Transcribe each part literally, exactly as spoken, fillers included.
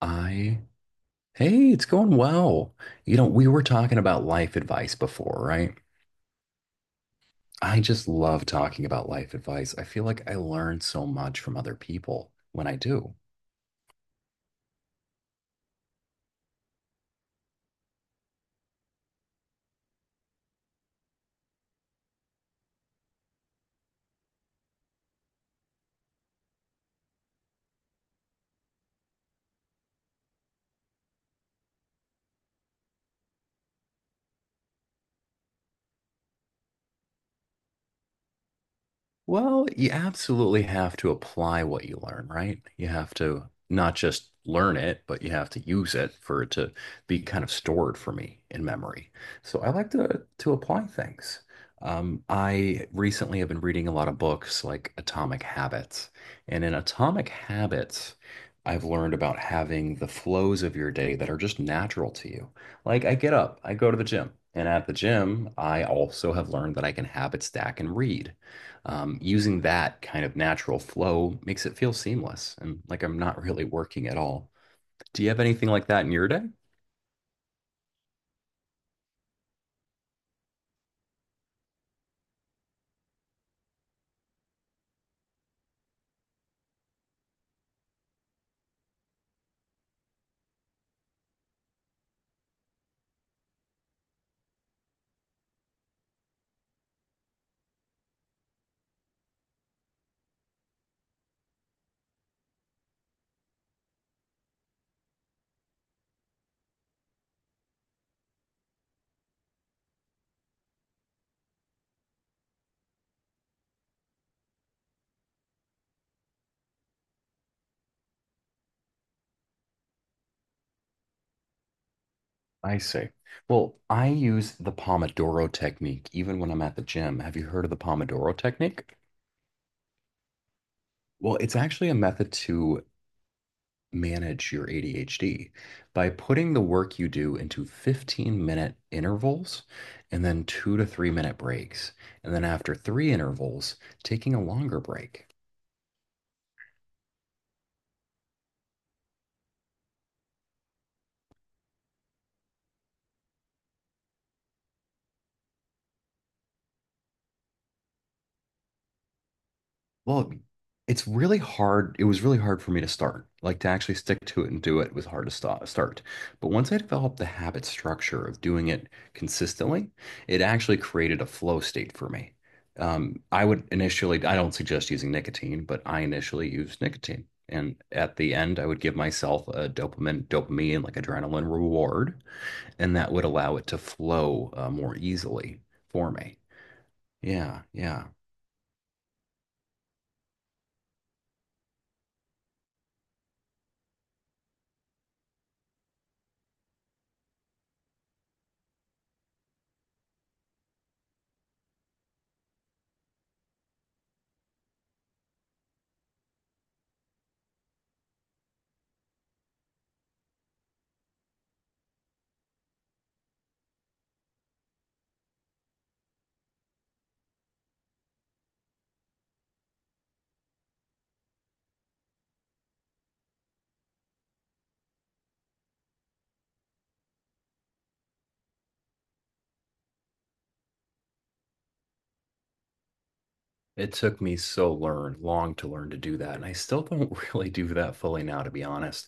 I, Hey, it's going well. You know, we were talking about life advice before, right? I just love talking about life advice. I feel like I learn so much from other people when I do. Well, you absolutely have to apply what you learn, right? You have to not just learn it, but you have to use it for it to be kind of stored for me in memory. So I like to to apply things. Um, I recently have been reading a lot of books like Atomic Habits. And in Atomic Habits, I've learned about having the flows of your day that are just natural to you. Like I get up, I go to the gym, and at the gym, I also have learned that I can habit stack and read um, using that kind of natural flow makes it feel seamless and like I'm not really working at all. Do you have anything like that in your day? I see. Well, I use the Pomodoro technique even when I'm at the gym. Have you heard of the Pomodoro technique? Well, it's actually a method to manage your A D H D by putting the work you do into fifteen minute intervals and then two to three minute breaks. And then after three intervals, taking a longer break. Well, it's really hard. It was really hard for me to start. Like to actually stick to it and do it was hard to stop, start. But once I developed the habit structure of doing it consistently, it actually created a flow state for me. Um, I would initially, I don't suggest using nicotine, but I initially used nicotine. And at the end, I would give myself a dopamine, dopamine, like adrenaline reward, and that would allow it to flow uh, more easily for me. Yeah, yeah. It took me so learn long to learn to do that, and I still don't really do that fully now, to be honest.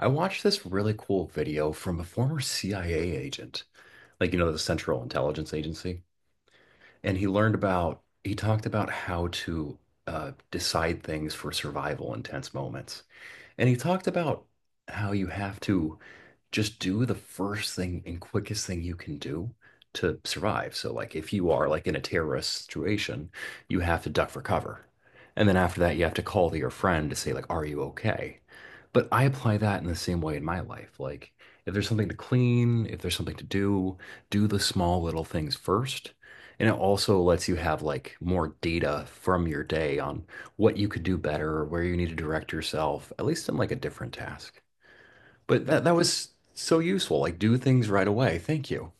I watched this really cool video from a former C I A agent, like you know, the Central Intelligence Agency, and he learned about he talked about how to uh, decide things for survival in tense moments. And he talked about how you have to just do the first thing and quickest thing you can do to survive. So, like, if you are like in a terrorist situation, you have to duck for cover. And then after that, you have to call to your friend to say, like, are you okay? But I apply that in the same way in my life. Like, if there's something to clean, if there's something to do, do the small little things first, and it also lets you have like more data from your day on what you could do better or where you need to direct yourself, at least in like a different task. But that that was so useful. Like do things right away. Thank you.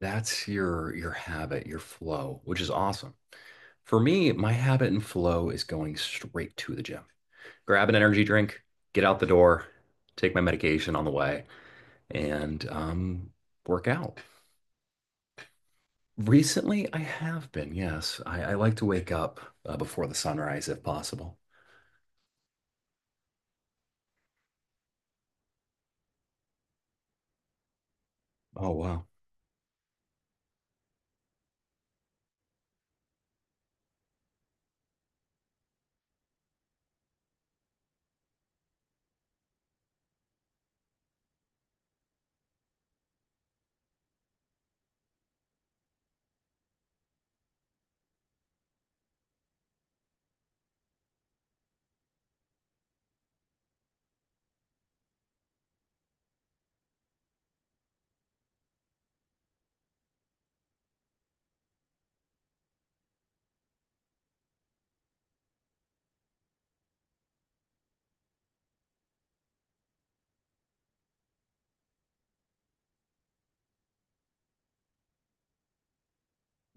That's your your habit, your flow, which is awesome. For me, my habit and flow is going straight to the gym. Grab an energy drink, get out the door, take my medication on the way, and um, work out. Recently, I have been, yes. I, I like to wake up uh, before the sunrise if possible. Oh, wow.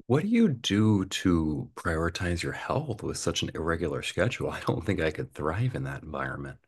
What do you do to prioritize your health with such an irregular schedule? I don't think I could thrive in that environment.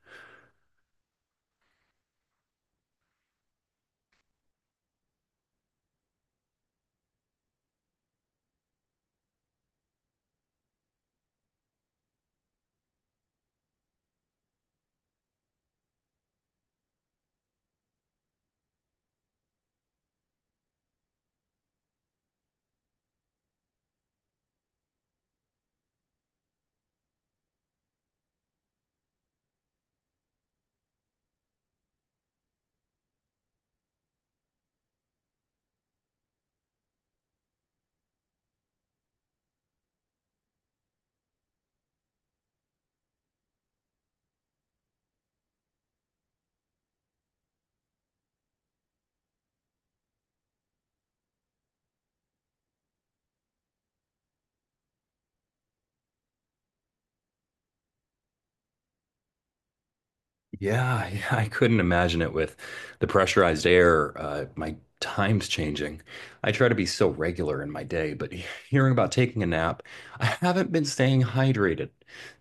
Yeah, yeah, I couldn't imagine it with the pressurized air, uh, my time's changing. I try to be so regular in my day, but he- hearing about taking a nap, I haven't been staying hydrated.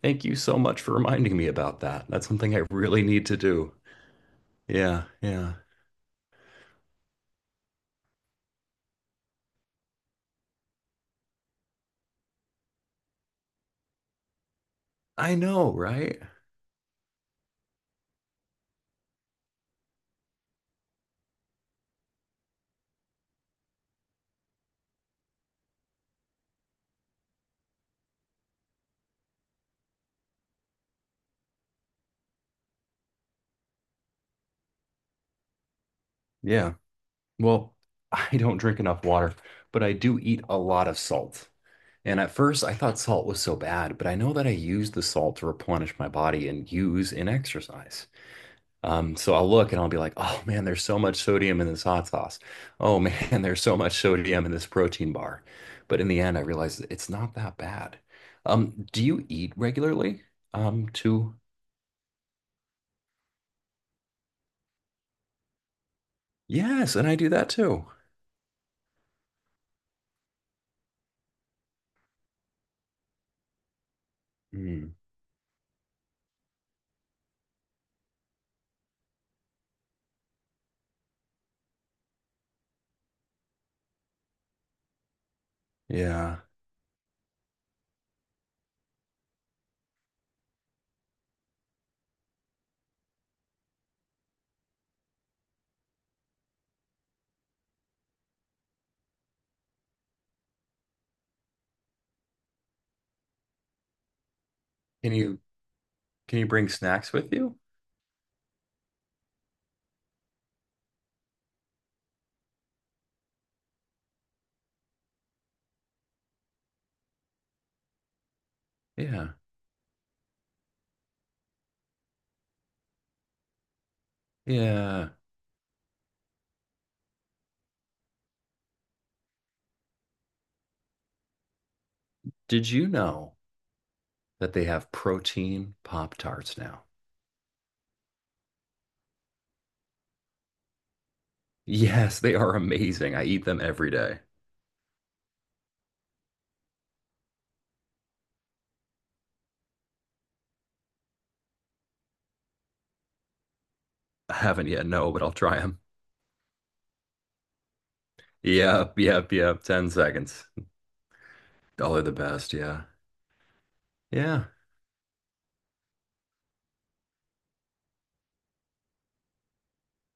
Thank you so much for reminding me about that. That's something I really need to do. Yeah, yeah. I know, right? Yeah. Well, I don't drink enough water, but I do eat a lot of salt. And at first, I thought salt was so bad, but I know that I use the salt to replenish my body and use in exercise. Um, so I'll look and I'll be like, oh man, there's so much sodium in this hot sauce. Oh man, there's so much sodium in this protein bar. But in the end, I realized it's not that bad. Um, do you eat regularly? Um, to yes, and I do that too. Mm, yeah. Can you can you bring snacks with you? Yeah. Yeah. Did you know that they have protein Pop Tarts now? Yes, they are amazing. I eat them every day. I haven't yet, no, but I'll try them. Yep, yep, yep. ten seconds. Oh, they're the best. Yeah. Yeah.